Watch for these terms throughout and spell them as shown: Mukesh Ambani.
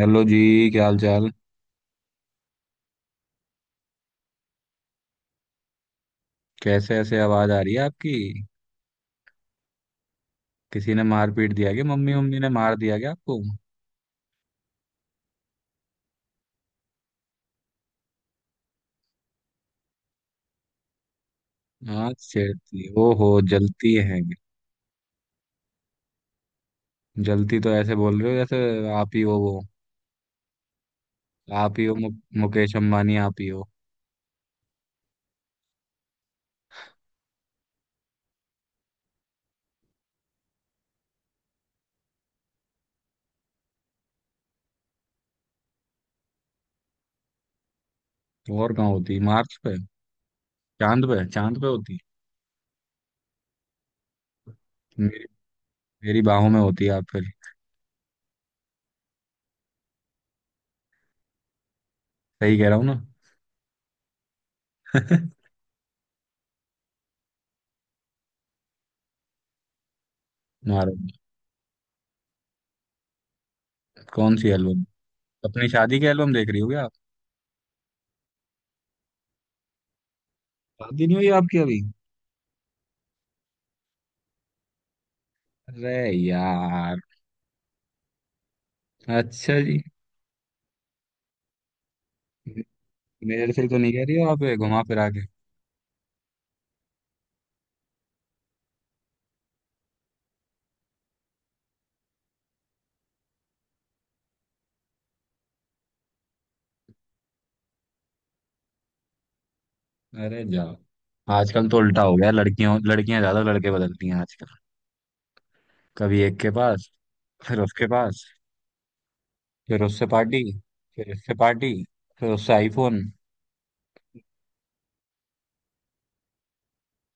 Hello जी। क्या हाल चाल। कैसे ऐसे आवाज आ रही है आपकी। किसी ने मार पीट दिया क्या? मम्मी मम्मी ने मार दिया क्या आपको? हाँ, छेड़ती, ओहो, जलती है। जलती तो ऐसे बोल रहे हो जैसे आप ही हो वो। आप ही हो, मुकेश अंबानी आप ही हो। और कहाँ होती? मार्स पे? चांद पे। चांद पे होती। मेरी मेरी बाहों में होती आप फिर। सही कह रहा हूँ ना? मारो। कौन सी एल्बम? अपनी शादी की एल्बम देख रही हो क्या आप? शादी नहीं हुई आपकी अभी? अरे यार। अच्छा जी। मेरे से तो नहीं कह रही हो आप ये घुमा फिरा के? अरे जाओ। आजकल तो उल्टा हो गया। लड़कियों लड़कियां ज्यादा लड़के बदलती हैं आजकल। कभी एक के पास, फिर उसके पास, फिर उससे पार्टी, फिर इससे पार्टी, फिर उससे आईफोन।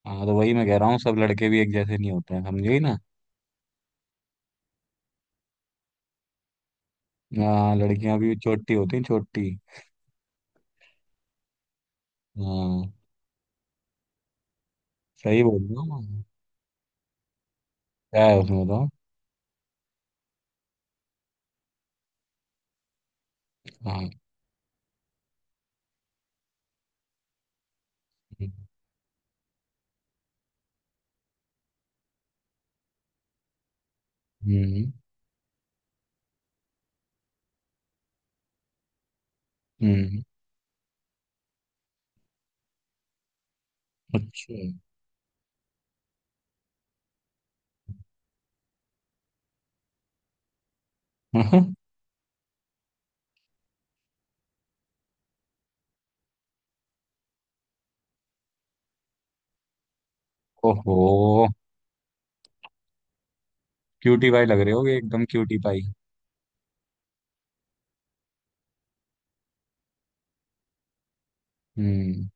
हाँ तो वही मैं कह रहा हूँ, सब लड़के भी एक जैसे नहीं होते हैं, समझे ना। हाँ, लड़कियां भी छोटी होती हैं, छोटी। हाँ। सही बोल रहा हूँ मैं। क्या है उसमें तो? हाँ। हम्म। हम्म। अच्छा। ओहो, क्यूटी पाई लग रहे हो, एकदम क्यूटी पाई। हम्म।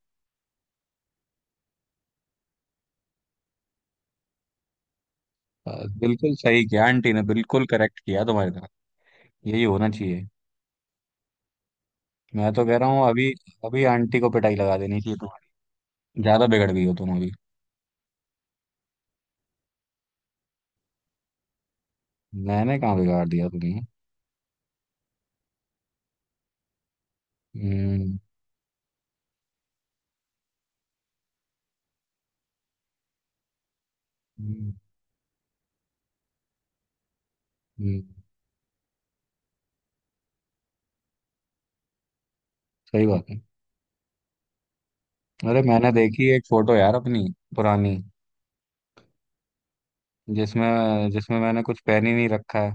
बस, बिल्कुल सही किया आंटी ने, बिल्कुल करेक्ट किया तुम्हारी तरफ। यही होना चाहिए। मैं तो कह रहा हूँ अभी अभी आंटी को पिटाई लगा देनी चाहिए तुम्हारी। ज्यादा बिगड़ गई हो तुम अभी। मैंने कहाँ बिगाड़ दिया तुम्हें? हम्म। हम्म। हम्म। सही बात है। अरे मैंने देखी एक फोटो यार, अपनी पुरानी। जिसमें जिसमें मैंने कुछ पहन ही नहीं रखा है,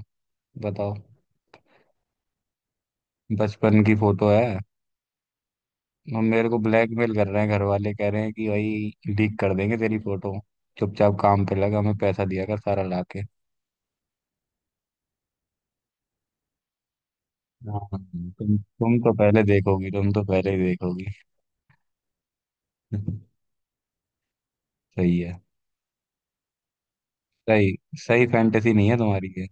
बताओ। बचपन की फोटो है। हम मेरे को ब्लैकमेल कर रहे हैं घर वाले, कह रहे हैं कि भाई लीक कर देंगे तेरी फोटो, चुपचाप काम पे लगा, हमें पैसा दिया कर सारा लाके। हाँ, तुम तो पहले देखोगी, तुम तो पहले ही देखोगी। सही है, सही। सही फैंटेसी नहीं है तुम्हारी ये।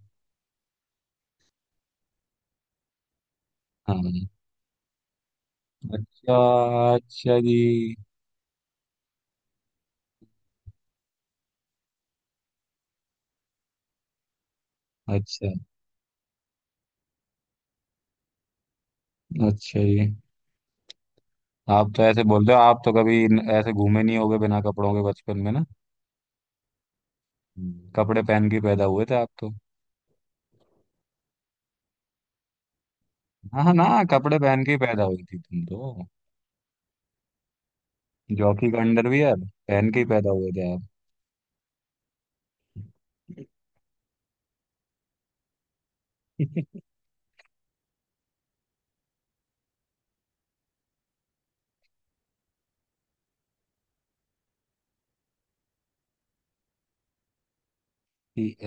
हाँ। अच्छा। अच्छा जी। अच्छा। अच्छा जी। आप तो ऐसे बोल रहे हो आप तो कभी ऐसे घूमे नहीं होगे बिना कपड़ों के बचपन में, ना। हम्म। कपड़े पहन के ही पैदा हुए थे आप तो। हाँ हाँ, ना कपड़े पहन के ही पैदा हुई थी तुम तो। जॉकी का अंडरवियर पहन के ही पैदा हुए थे आप।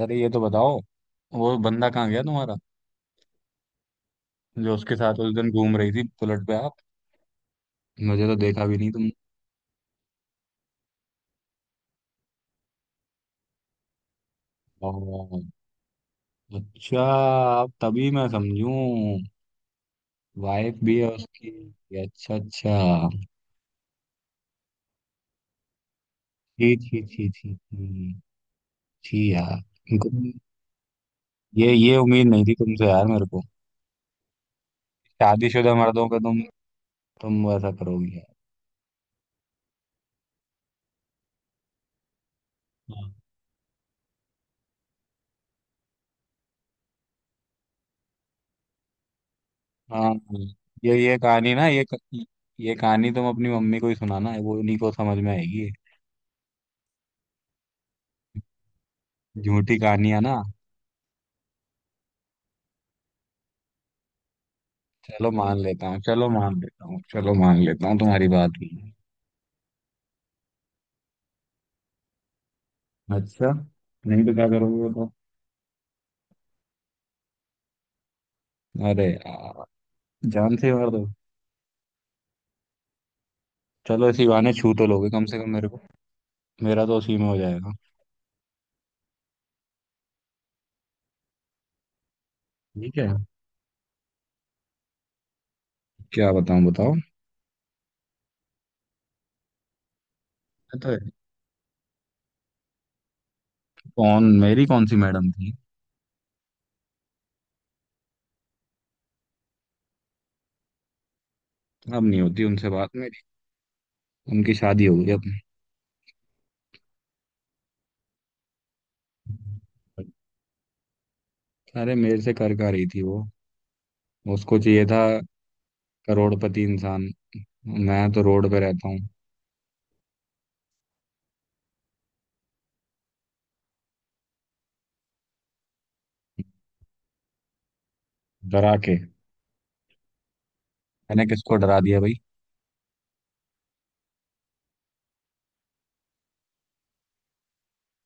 अरे ये तो बताओ, वो बंदा कहाँ गया तुम्हारा, जो उसके साथ उस दिन घूम रही थी बुलेट पे आप। मुझे तो देखा भी नहीं तुमने। ओह, अच्छा, आप तभी मैं समझूं। वाइफ भी है उसकी। अच्छा अच्छा। ठीक, ठीक, ठीक, ठीक, ठीक। ठीक यार। तुम- ये उम्मीद नहीं थी तुमसे यार मेरे को। शादीशुदा मर्दों पे तुम वैसा करोगी यार। हाँ हाँ, ये कहानी ना, ये कहानी तुम अपनी मम्मी को ही सुनाना, वो उन्हीं को समझ में आएगी। झूठी कहानियां ना। चलो मान लेता हूँ, चलो मान लेता हूँ, चलो मान लेता हूँ तुम्हारी बात भी। अच्छा। नहीं तो क्या करोगे बताओ? अरे यार, जान से मार दो। चलो इसी बहाने छू तो लोगे कम से कम मेरे को। मेरा तो उसी में हो जाएगा। ठीक है। क्या बताऊँ, बताओ। मैं तो। कौन मेरी कौन सी मैडम थी? अब नहीं होती उनसे बात मेरी। उनकी शादी हो गई अब। अरे मेरे से कर का रही थी वो। उसको चाहिए था करोड़पति इंसान, मैं तो रोड पे रहता हूँ। डरा के? मैंने किसको डरा दिया भाई?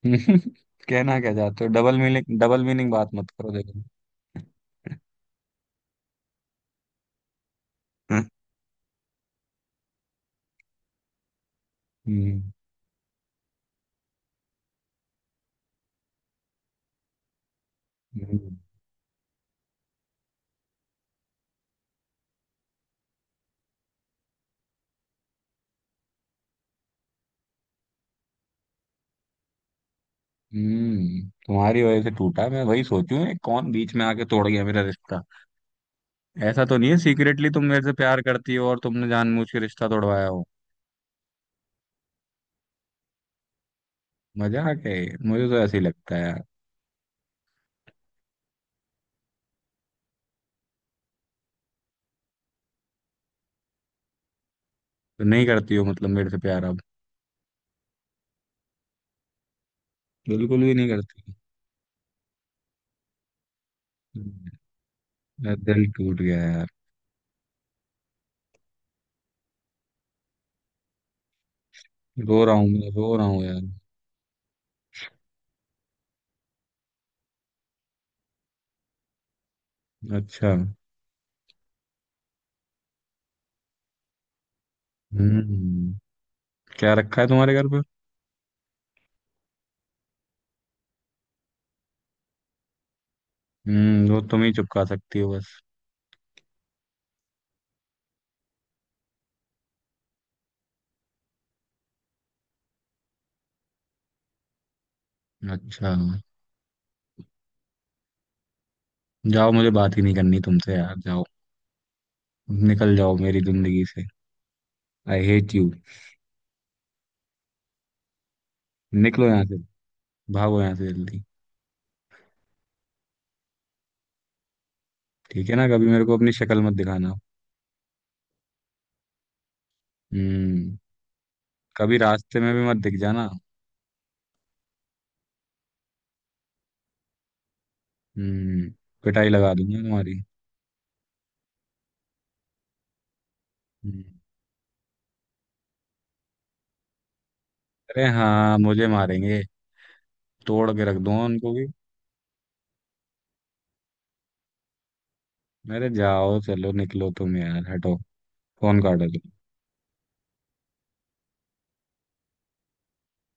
हम्म, कहना क्या चाहते हो? डबल मीनिंग बात मत करो देखो। हम्म। हम्म। तुम्हारी वजह से टूटा। मैं वही सोचूं ये कौन बीच में आके तोड़ गया मेरा रिश्ता। ऐसा तो नहीं है सीक्रेटली तुम मेरे से प्यार करती हो और तुमने जानबूझ के रिश्ता तोड़वाया हो? मजाक है ये। मुझे तो ऐसे ही लगता है यार। तो नहीं करती हो मतलब मेरे से प्यार अब? बिल्कुल भी नहीं करती। हम्म, मेरा दिल टूट गया यार। रो रहा हूँ मैं, रो रहा हूँ यार। अच्छा। हम्म। क्या रखा है तुम्हारे घर? हम्म, वो तुम ही चुपका सकती हो बस। अच्छा। जाओ, मुझे बात ही नहीं करनी तुमसे यार, जाओ। निकल जाओ मेरी जिंदगी से। I hate you. निकलो यहाँ से। भागो यहाँ से जल्दी। ठीक है ना, कभी मेरे को अपनी शक्ल मत दिखाना। हम्म। कभी रास्ते में भी मत दिख जाना। हम्म। पिटाई लगा दूंगा तुम्हारी। हम्म, अरे हाँ, मुझे मारेंगे? तोड़ के रख दूंगा उनको भी। अरे जाओ, चलो निकलो तुम, यार हटो। फोन काटो तुम।